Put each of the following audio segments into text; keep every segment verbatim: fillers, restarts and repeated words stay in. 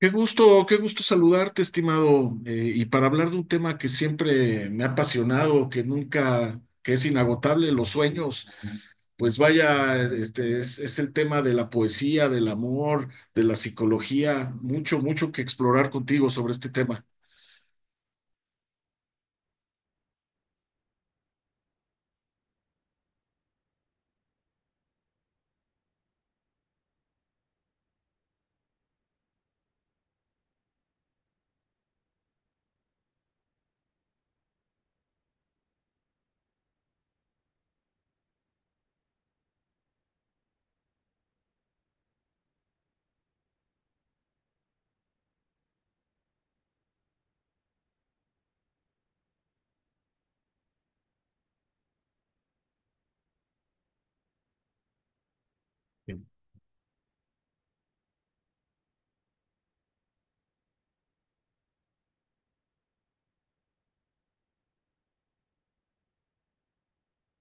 Qué gusto, qué gusto saludarte, estimado, eh, y para hablar de un tema que siempre me ha apasionado, que nunca, que es inagotable, los sueños, pues vaya, este es, es el tema de la poesía, del amor, de la psicología, mucho, mucho que explorar contigo sobre este tema.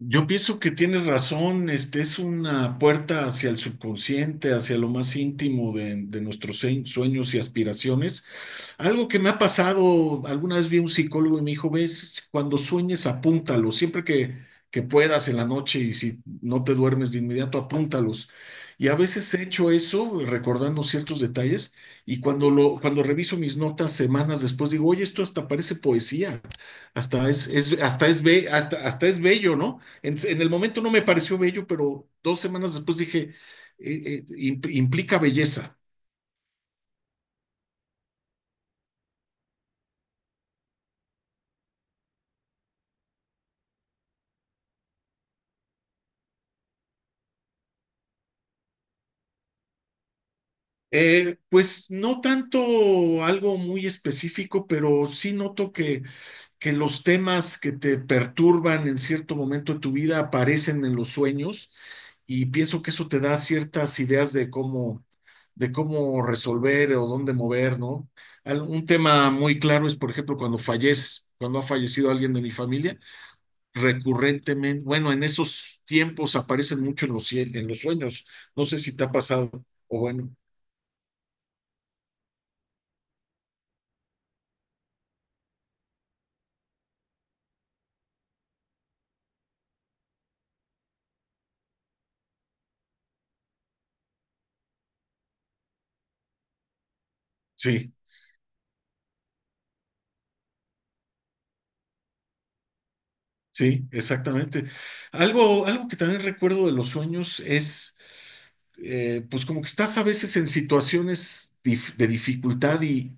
Yo pienso que tienes razón, este es una puerta hacia el subconsciente, hacia lo más íntimo de, de nuestros se- sueños y aspiraciones. Algo que me ha pasado, alguna vez vi a un psicólogo y me dijo, ves, cuando sueñes, apúntalos, siempre que, que puedas en la noche y si no te duermes de inmediato, apúntalos. Y a veces he hecho eso, recordando ciertos detalles, y cuando lo, cuando reviso mis notas semanas después, digo, oye, esto hasta parece poesía, hasta es, es- hasta es, be- hasta, hasta es bello, ¿no? En, en el momento no me pareció bello, pero dos semanas después dije, "Eh, eh, impl- implica belleza". Eh, pues no tanto algo muy específico, pero sí noto que, que los temas que te perturban en cierto momento de tu vida aparecen en los sueños, y pienso que eso te da ciertas ideas de cómo, de cómo resolver o dónde mover, ¿no? Al- Un tema muy claro es, por ejemplo, cuando fallece, cuando ha fallecido alguien de mi familia, recurrentemente, bueno, en esos tiempos aparecen mucho en los, cien- en los sueños. No sé si te ha pasado o bueno, sí. Sí, exactamente. Algo, algo que también recuerdo de los sueños es, eh, pues como que estás a veces en situaciones dif- de dificultad y,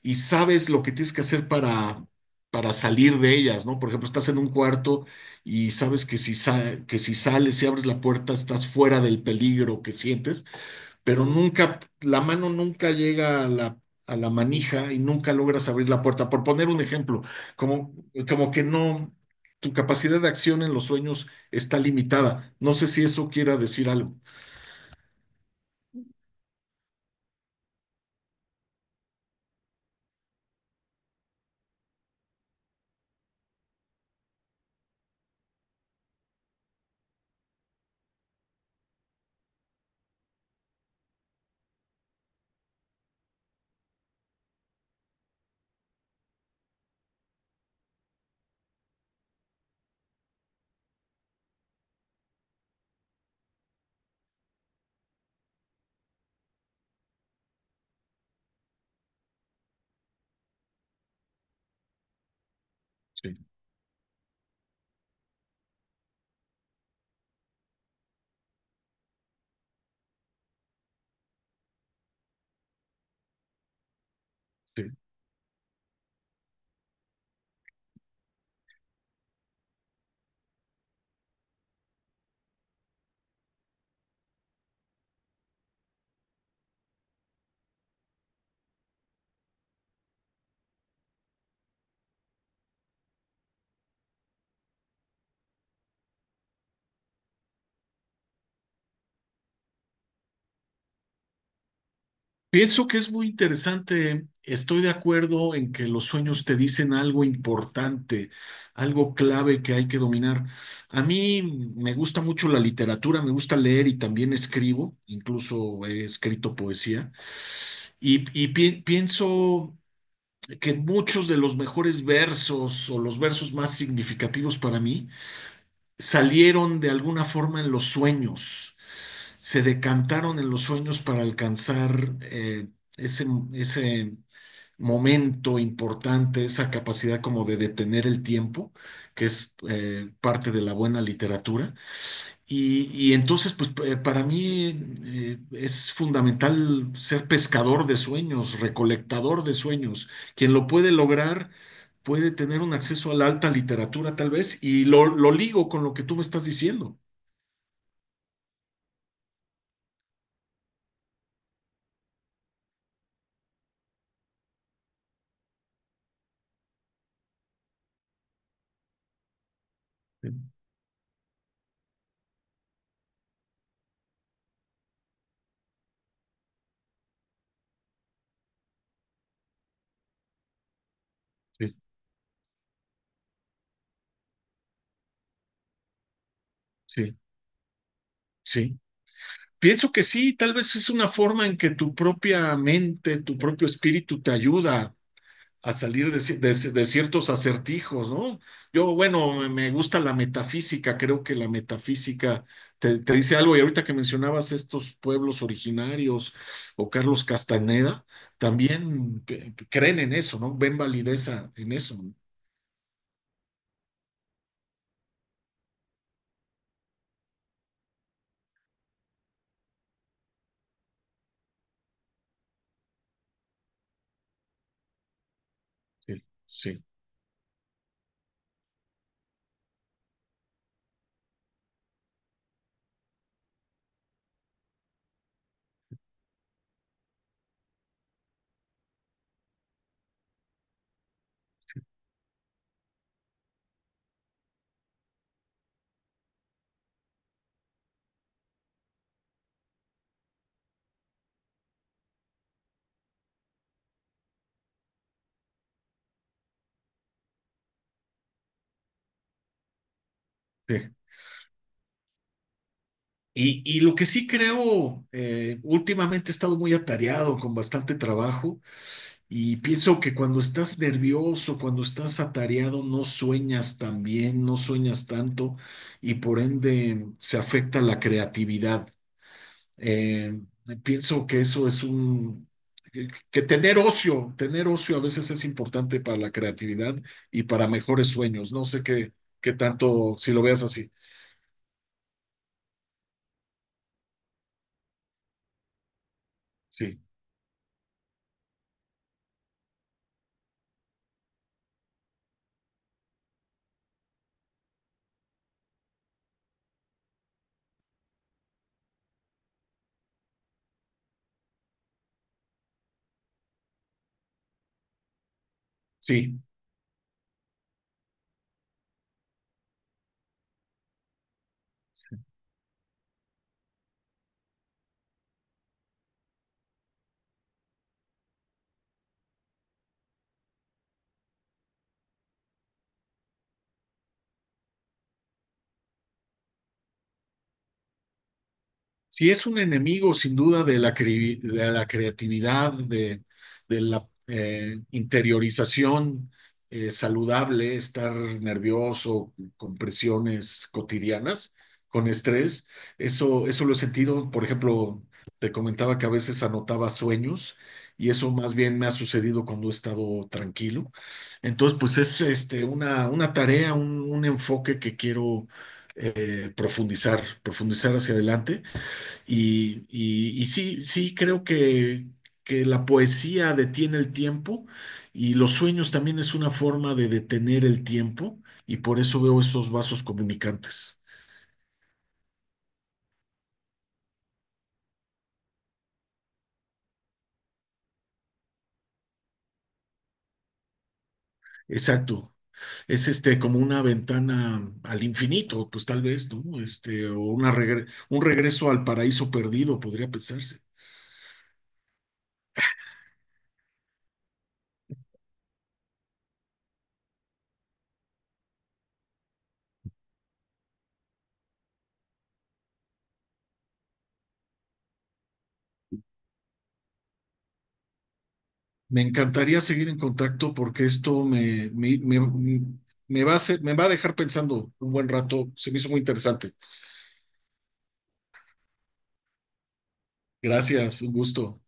y sabes lo que tienes que hacer para, para salir de ellas, ¿no? Por ejemplo, estás en un cuarto y sabes que si, sa- que si sales y abres la puerta estás fuera del peligro que sientes, pero nunca, la mano nunca llega a la, a la manija y nunca logras abrir la puerta. Por poner un ejemplo, como, como que no, tu capacidad de acción en los sueños está limitada. No sé si eso quiera decir algo. Sí, sí. Pienso que es muy interesante. Estoy de acuerdo en que los sueños te dicen algo importante, algo clave que hay que dominar. A mí me gusta mucho la literatura, me gusta leer y también escribo, incluso he escrito poesía. Y, y pi- pienso que muchos de los mejores versos o los versos más significativos para mí salieron de alguna forma en los sueños, se decantaron en los sueños para alcanzar eh, ese, ese momento importante, esa capacidad como de detener el tiempo, que es eh, parte de la buena literatura. Y, y entonces, pues p- eh, para mí eh, es fundamental ser pescador de sueños, recolectador de sueños. Quien lo puede lograr puede tener un acceso a la alta literatura tal vez, y lo, lo ligo con lo que tú me estás diciendo. Sí, sí, sí. Sí. Pienso que sí, tal vez es una forma en que tu propia mente, tu propio espíritu te ayuda a salir de, ci- de ci- de ciertos acertijos, ¿no? Yo, bueno, me me gusta la metafísica, creo que la metafísica te, te dice algo, y ahorita que mencionabas estos pueblos originarios o Carlos Castaneda, también eh, creen en eso, ¿no? Ven validez a- en eso, ¿no? Sí, sí, sí. Y, y lo que sí creo, eh, últimamente he estado muy atareado con bastante trabajo. Y pienso que cuando estás nervioso, cuando estás atareado, no sueñas tan bien, no sueñas tanto y por ende se afecta la creatividad. Eh, pienso que eso es un, que, que tener ocio, tener ocio a veces es importante para la creatividad y para mejores sueños. No sé qué, qué tanto, si lo veas así. Sí, sí. si es un enemigo sin duda de la, cre- de la creatividad, de, de la eh, interiorización eh, saludable, estar nervioso con presiones cotidianas, con estrés. Eso, eso lo he sentido, por ejemplo, te comentaba que a veces anotaba sueños, y eso más bien me ha sucedido cuando he estado tranquilo. Entonces, pues es este, una, una tarea, un, un enfoque que quiero eh, profundizar, profundizar hacia adelante. Y, y- y sí, sí, creo que, que la poesía detiene el tiempo y los sueños también es una forma de detener el tiempo, y por eso veo estos vasos comunicantes. Exacto. Es este como una ventana al infinito, pues tal vez, ¿no? Este, o una regre- un regreso al paraíso perdido, podría pensarse. Me encantaría seguir en contacto porque esto me, me, me, me va a hacer- me va a dejar pensando un buen rato. Se me hizo muy interesante. Gracias, un gusto.